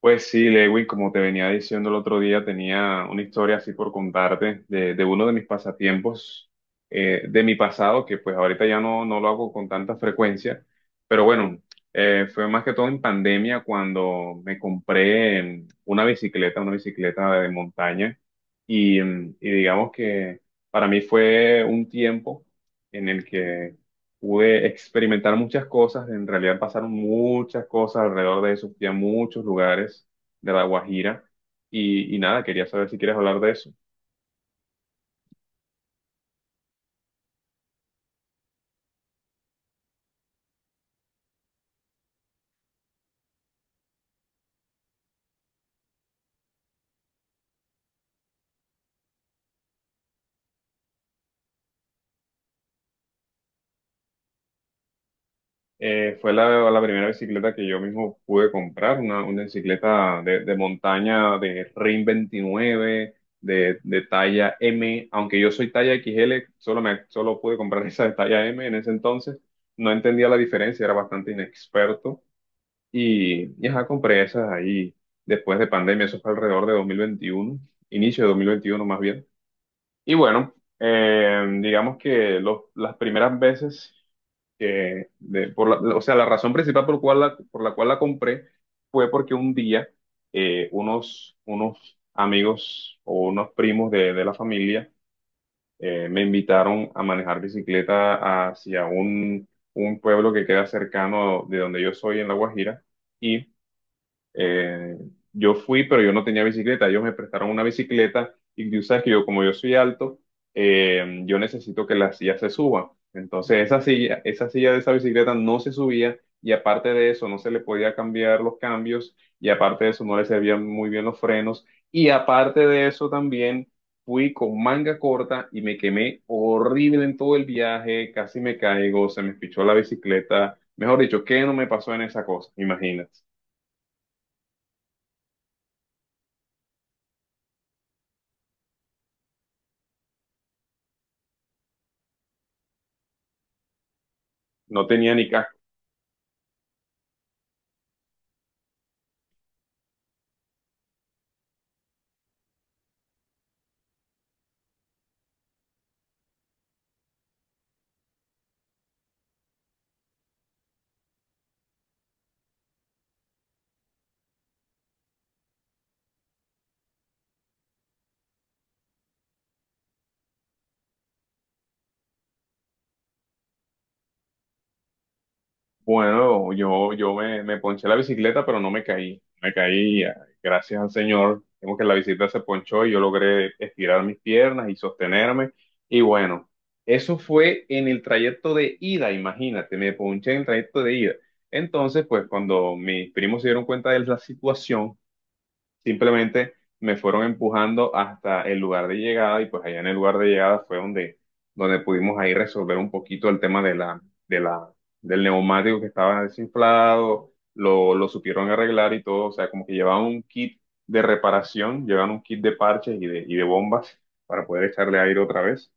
Pues sí, Lewin, como te venía diciendo el otro día, tenía una historia así por contarte de, uno de mis pasatiempos de mi pasado, que pues ahorita ya no lo hago con tanta frecuencia, pero bueno, fue más que todo en pandemia cuando me compré una bicicleta de montaña, y digamos que para mí fue un tiempo en el que pude experimentar muchas cosas. En realidad pasaron muchas cosas alrededor de eso, fui a muchos lugares de La Guajira, y nada, quería saber si quieres hablar de eso. Fue la primera bicicleta que yo mismo pude comprar, una bicicleta de, montaña de Rim 29, de talla M, aunque yo soy talla XL. Solo pude comprar esa de talla M en ese entonces. No entendía la diferencia, era bastante inexperto. Y ajá, compré esas ahí después de pandemia. Eso fue alrededor de 2021, inicio de 2021 más bien. Y bueno, digamos que las primeras veces que, de- por la- o sea, la razón principal por la cual la compré fue porque un día unos amigos o unos primos de la familia me invitaron a manejar bicicleta hacia un pueblo que queda cercano de donde yo soy en La Guajira. eh, yo fui, pero yo no tenía bicicleta. Ellos me prestaron una bicicleta y tú sabes que yo, como yo soy alto, yo necesito que la silla se suba. Entonces, esa silla de esa bicicleta no se subía, y aparte de eso, no se le podía cambiar los cambios, y aparte de eso, no le servían muy bien los frenos, y aparte de eso también. Fui con manga corta y me quemé horrible en todo el viaje, casi me caigo, se me pichó la bicicleta. Mejor dicho, ¿qué no me pasó en esa cosa? Imagínate. No tenía ni casco. Bueno, yo me ponché la bicicleta, pero no me caí. Me caí, gracias al Señor. Vemos que la bicicleta se ponchó y yo logré estirar mis piernas y sostenerme. Y bueno, eso fue en el trayecto de ida, imagínate, me ponché en el trayecto de ida. Entonces, pues cuando mis primos se dieron cuenta de la situación, simplemente me fueron empujando hasta el lugar de llegada, y pues allá en el lugar de llegada fue donde pudimos ahí resolver un poquito el tema de la, del neumático que estaba desinflado. Lo supieron arreglar y todo, o sea, como que llevaban un kit de reparación, llevaban un kit de parches y de bombas para poder echarle aire otra vez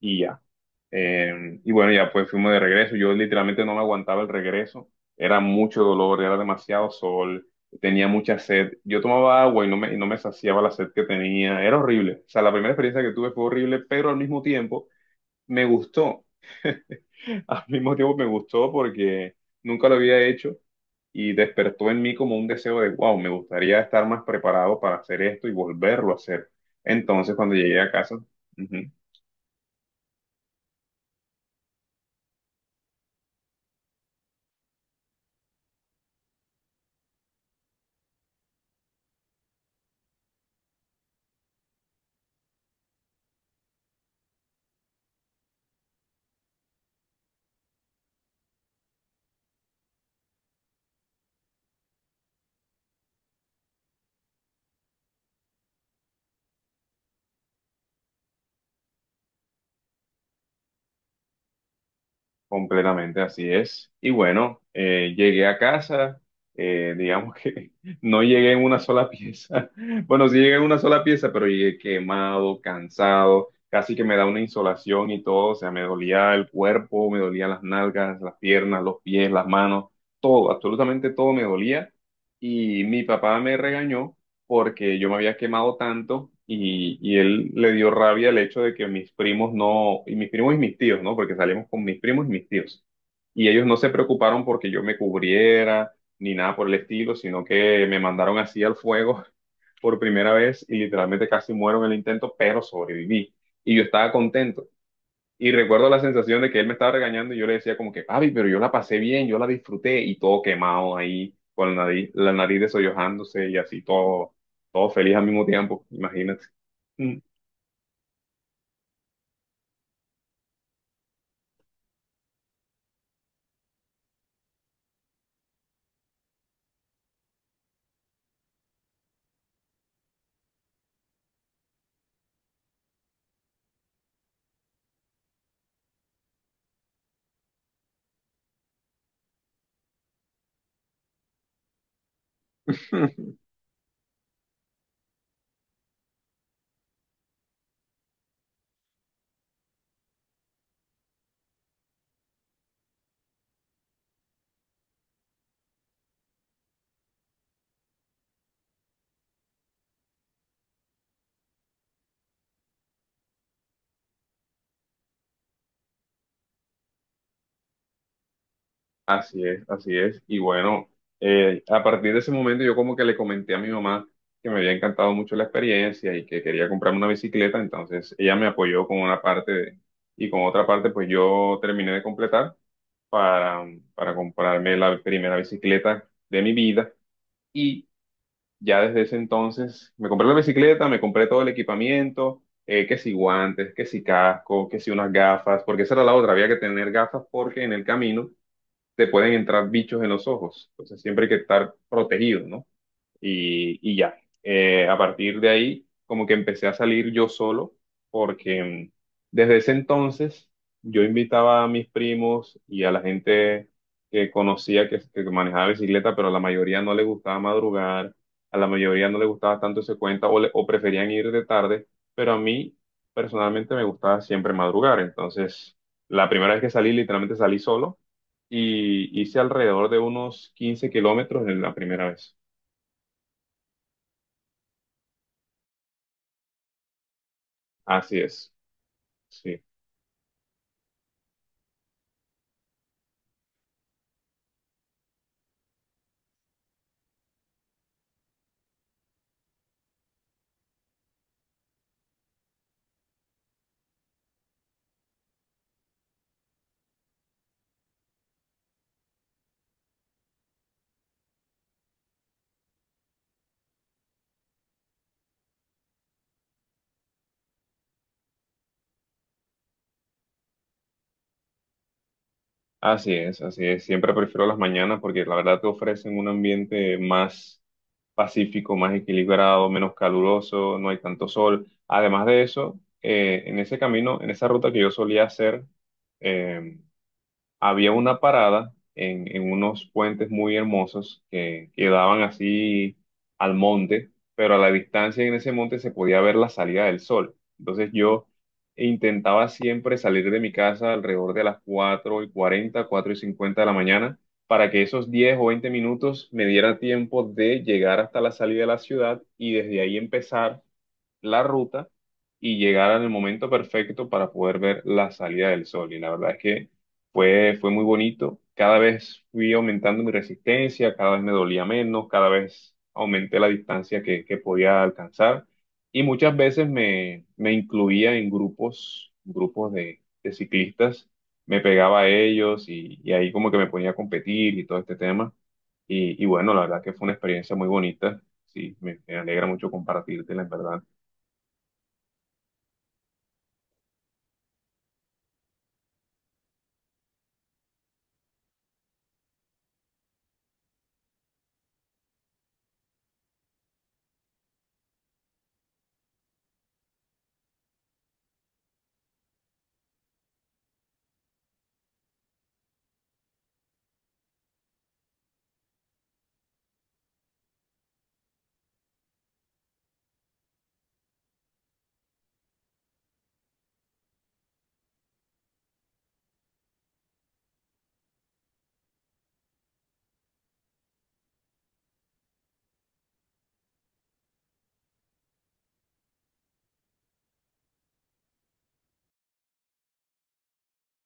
y ya. Y bueno, ya pues fuimos de regreso. Yo literalmente no me aguantaba el regreso. Era mucho dolor, era demasiado sol, tenía mucha sed. Yo tomaba agua y no me saciaba la sed que tenía. Era horrible. O sea, la primera experiencia que tuve fue horrible, pero al mismo tiempo me gustó. Al mismo tiempo me gustó porque nunca lo había hecho y despertó en mí como un deseo de, wow, me gustaría estar más preparado para hacer esto y volverlo a hacer. Entonces, cuando llegué a casa. Ujú. Completamente, así es. Y bueno, llegué a casa, digamos que no llegué en una sola pieza. Bueno, sí llegué en una sola pieza, pero llegué quemado, cansado, casi que me da una insolación y todo, o sea, me dolía el cuerpo, me dolían las nalgas, las piernas, los pies, las manos, todo, absolutamente todo me dolía. Y mi papá me regañó porque yo me había quemado tanto, y él le dio rabia el hecho de que mis primos no, y mis primos y mis tíos, ¿no? Porque salimos con mis primos y mis tíos. Y ellos no se preocuparon porque yo me cubriera ni nada por el estilo, sino que me mandaron así al fuego por primera vez, y literalmente casi muero en el intento, pero sobreviví. Y yo estaba contento. Y recuerdo la sensación de que él me estaba regañando y yo le decía como que, papi, pero yo la pasé bien, yo la disfruté, y todo quemado ahí, con la nariz desollojándose y así todo, todo feliz al mismo tiempo, imagínate. Mm. Así es, así es. Y bueno, a partir de ese momento, yo como que le comenté a mi mamá que me había encantado mucho la experiencia y que quería comprarme una bicicleta. Entonces ella me apoyó con una parte y con otra parte pues yo terminé de completar, para, para comprarme la primera bicicleta de mi vida. Y ya desde ese entonces me compré la bicicleta, me compré todo el equipamiento, que si guantes, que si casco, que si unas gafas, porque esa era la otra, había que tener gafas porque en el camino te pueden entrar bichos en los ojos. Entonces siempre hay que estar protegido, ¿no? Y ya. A partir de ahí, como que empecé a salir yo solo, porque desde ese entonces yo invitaba a mis primos y a la gente que conocía que manejaba bicicleta, pero a la mayoría no le gustaba madrugar, a la mayoría no le gustaba tanto ese cuenta o preferían ir de tarde, pero a mí personalmente me gustaba siempre madrugar. Entonces, la primera vez que salí, literalmente salí solo y hice alrededor de unos 15 kilómetros en la primera vez. Así es, sí, así es, así es. Siempre prefiero las mañanas porque la verdad te ofrecen un ambiente más pacífico, más equilibrado, menos caluroso, no hay tanto sol. Además de eso, en ese camino, en esa ruta que yo solía hacer, em, había una parada en, unos puentes muy hermosos que quedaban así al monte, pero a la distancia en ese monte se podía ver la salida del sol. Entonces yo intentaba siempre salir de mi casa alrededor de las 4:40, 4:50 de la mañana, para que esos 10 o 20 minutos me diera tiempo de llegar hasta la salida de la ciudad, y desde ahí empezar la ruta y llegar en el momento perfecto para poder ver la salida del sol. Y la verdad es que fue muy bonito. Cada vez fui aumentando mi resistencia, cada vez me dolía menos, cada vez aumenté la distancia que podía alcanzar. Y muchas veces me incluía en grupos, grupos de ciclistas. Me pegaba a ellos, y ahí como que me ponía a competir y todo este tema. Y bueno, la verdad que fue una experiencia muy bonita. Sí, me alegra mucho compartírtela, en verdad.